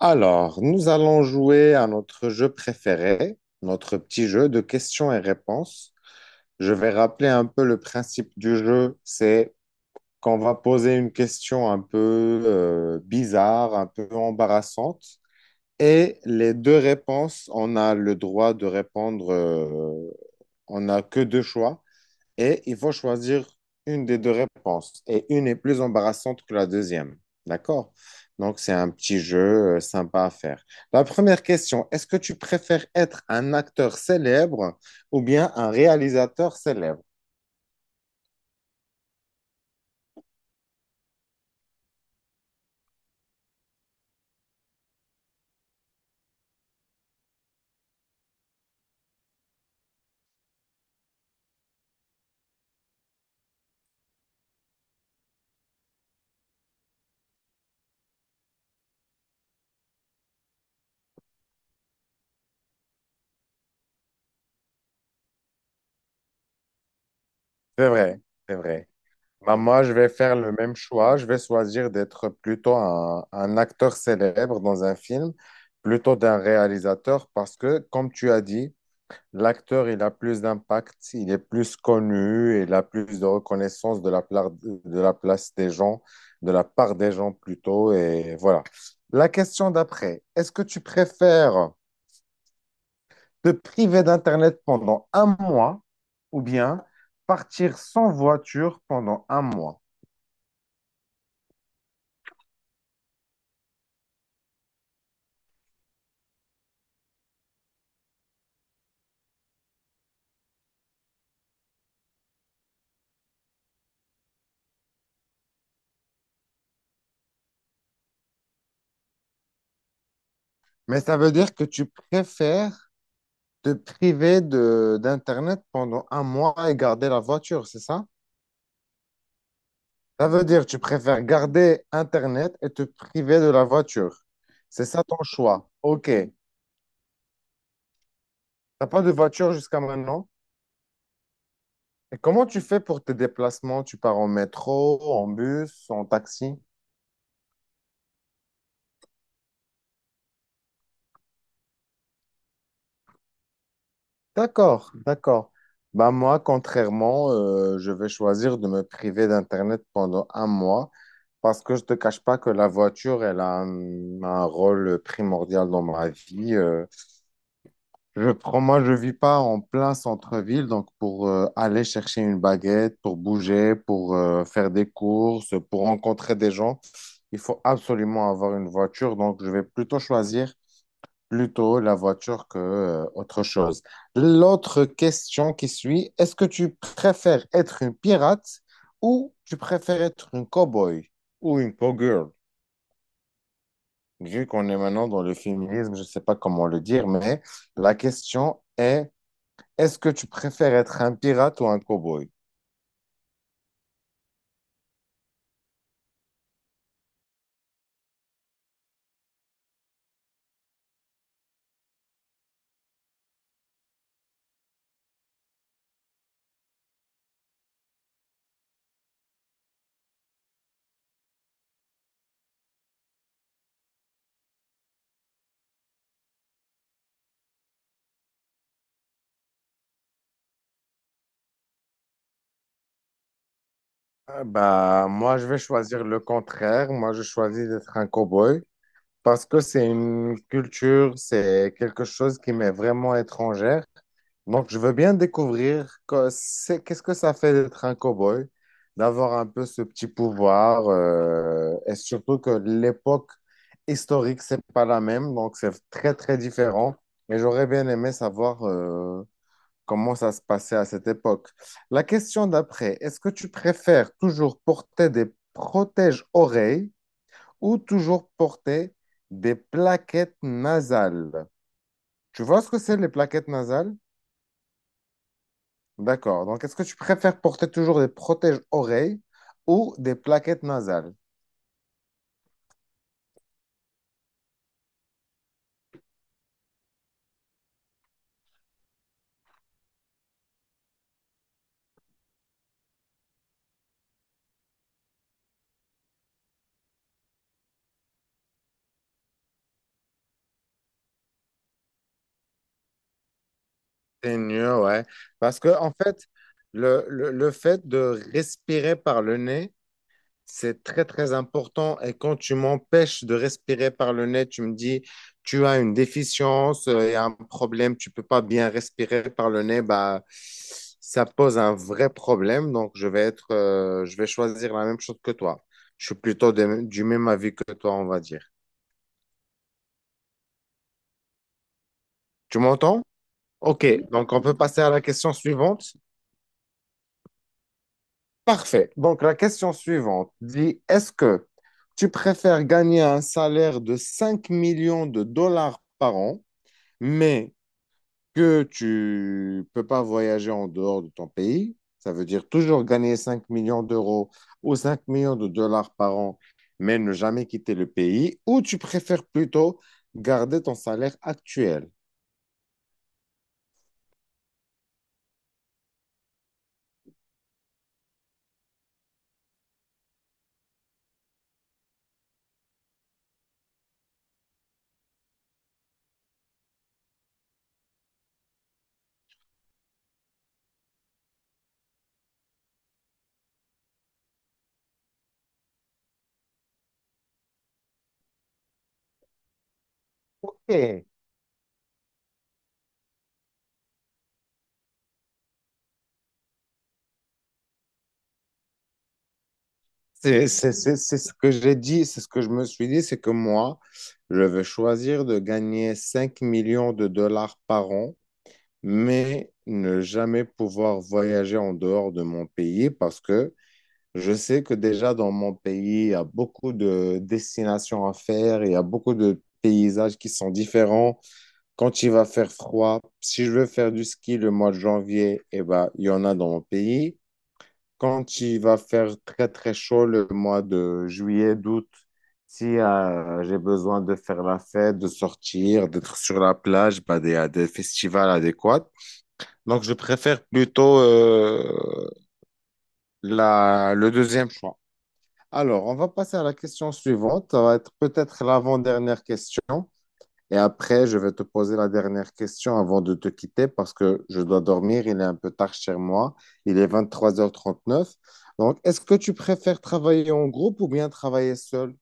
Alors, nous allons jouer à notre jeu préféré, notre petit jeu de questions et réponses. Je vais rappeler un peu le principe du jeu. C'est qu'on va poser une question un peu bizarre, un peu embarrassante. Et les deux réponses, on a le droit de répondre, on n'a que deux choix et il faut choisir une des deux réponses. Et une est plus embarrassante que la deuxième. D'accord? Donc, c'est un petit jeu sympa à faire. La première question, est-ce que tu préfères être un acteur célèbre ou bien un réalisateur célèbre? C'est vrai, c'est vrai. Bah, moi, je vais faire le même choix. Je vais choisir d'être plutôt un acteur célèbre dans un film plutôt d'un réalisateur parce que, comme tu as dit, l'acteur, il a plus d'impact, il est plus connu, il a plus de reconnaissance de de la place des gens, de la part des gens plutôt, et voilà. La question d'après, est-ce que tu préfères te priver d'Internet pendant un mois ou bien partir sans voiture pendant un mois? Mais ça veut dire que tu préfères te priver de d'Internet pendant un mois et garder la voiture, c'est ça? Ça veut dire que tu préfères garder Internet et te priver de la voiture. C'est ça ton choix. OK. Tu n'as pas de voiture jusqu'à maintenant. Et comment tu fais pour tes déplacements? Tu pars en métro, en bus, en taxi? D'accord, d'accord. Bah moi, contrairement, je vais choisir de me priver d'Internet pendant un mois parce que je ne te cache pas que la voiture, elle a un rôle primordial dans ma vie. Moi, je vis pas en plein centre-ville, donc pour aller chercher une baguette, pour bouger, pour faire des courses, pour rencontrer des gens, il faut absolument avoir une voiture. Donc, je vais plutôt choisir plutôt la voiture que autre chose. L'autre question qui suit, est-ce que tu préfères être une pirate ou tu préfères être une cowboy ou une cowgirl? Vu qu'on est maintenant dans le féminisme, je sais pas comment le dire, mais la question est est-ce que tu préfères être un pirate ou un cowboy? Ah, bah, moi, je vais choisir le contraire. Moi, je choisis d'être un cow-boy parce que c'est une culture, c'est quelque chose qui m'est vraiment étrangère. Donc, je veux bien découvrir qu'est-ce que ça fait d'être un cow-boy, d'avoir un peu ce petit pouvoir, et surtout que l'époque historique, c'est pas la même, donc c'est très, très différent. Et j'aurais bien aimé savoir, comment ça se passait à cette époque. La question d'après, est-ce que tu préfères toujours porter des protèges-oreilles ou toujours porter des plaquettes nasales? Tu vois ce que c'est les plaquettes nasales? D'accord. Donc, est-ce que tu préfères porter toujours des protèges-oreilles ou des plaquettes nasales? C'est mieux, ouais. Parce que, en fait, le fait de respirer par le nez, c'est très, très important. Et quand tu m'empêches de respirer par le nez, tu me dis, tu as une déficience, il y a un problème, tu peux pas bien respirer par le nez, bah, ça pose un vrai problème. Donc, je vais être, je vais choisir la même chose que toi. Je suis plutôt du même avis que toi, on va dire. Tu m'entends? OK. Oui. Donc, on peut passer à la question suivante. Parfait. Donc, la question suivante dit, est-ce que tu préfères gagner un salaire de 5 millions de dollars par an, mais que tu peux pas voyager en dehors de ton pays? Ça veut dire toujours gagner 5 millions d'euros ou 5 millions de dollars par an, mais ne jamais quitter le pays, ou tu préfères plutôt garder ton salaire actuel? Ok. C'est ce que j'ai dit, c'est ce que je me suis dit, c'est que moi, je vais choisir de gagner 5 millions de dollars par an, mais ne jamais pouvoir voyager en dehors de mon pays parce que je sais que déjà dans mon pays, il y a beaucoup de destinations à faire, il y a beaucoup de paysages qui sont différents. Quand il va faire froid, si je veux faire du ski le mois de janvier, eh ben, il y en a dans mon pays. Quand il va faire très très chaud le mois de juillet, d'août, si j'ai besoin de faire la fête, de sortir, d'être sur la plage, bah, il y a des festivals adéquats. Donc je préfère plutôt la, le deuxième choix. Alors, on va passer à la question suivante. Ça va être peut-être l'avant-dernière question. Et après, je vais te poser la dernière question avant de te quitter parce que je dois dormir. Il est un peu tard chez moi. Il est 23h39. Donc, est-ce que tu préfères travailler en groupe ou bien travailler seul?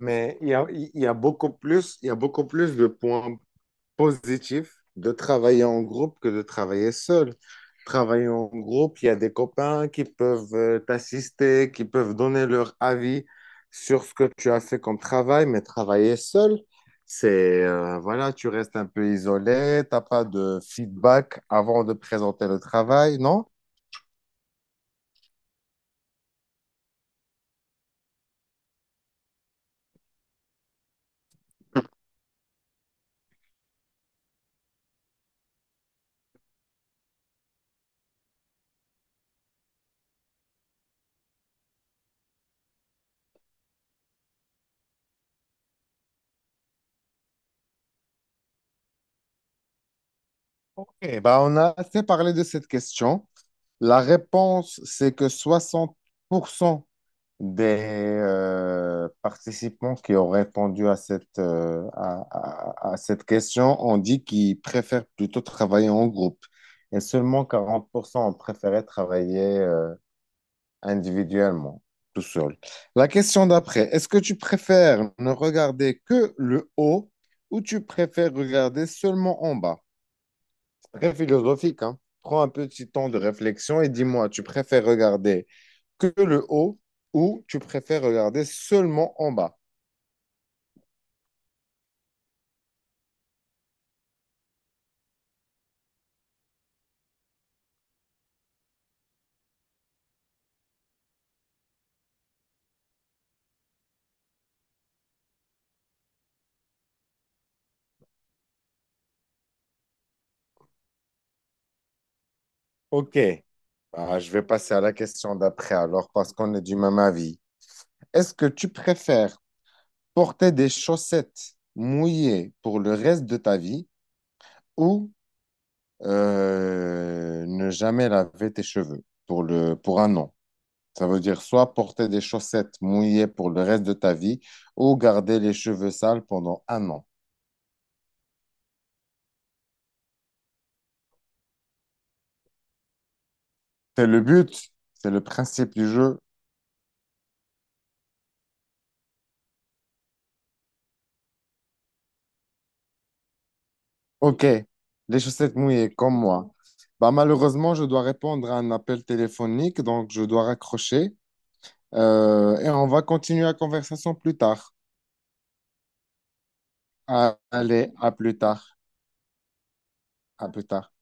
Mais il y a beaucoup plus de points positif de travailler en groupe que de travailler seul. Travailler en groupe, il y a des copains qui peuvent t'assister, qui peuvent donner leur avis sur ce que tu as fait comme travail, mais travailler seul, c'est, voilà, tu restes un peu isolé, t'as pas de feedback avant de présenter le travail, non? Ok, bah on a assez parlé de cette question. La réponse, c'est que 60 % des participants qui ont répondu à cette, à cette question ont dit qu'ils préfèrent plutôt travailler en groupe et seulement 40 % ont préféré travailler individuellement, tout seul. La question d'après, est-ce que tu préfères ne regarder que le haut ou tu préfères regarder seulement en bas? Très philosophique, hein. Prends un petit temps de réflexion et dis-moi, tu préfères regarder que le haut ou tu préfères regarder seulement en bas? Ok. Bah, je vais passer à la question d'après alors parce qu'on est du même avis. Est-ce que tu préfères porter des chaussettes mouillées pour le reste de ta vie ou ne jamais laver tes cheveux pour le, pour un an? Ça veut dire soit porter des chaussettes mouillées pour le reste de ta vie ou garder les cheveux sales pendant un an. C'est le but, c'est le principe du jeu. Ok, les chaussettes mouillées comme moi. Bah, malheureusement, je dois répondre à un appel téléphonique, donc je dois raccrocher. Et on va continuer la conversation plus tard. Ah, allez, à plus tard. À plus tard.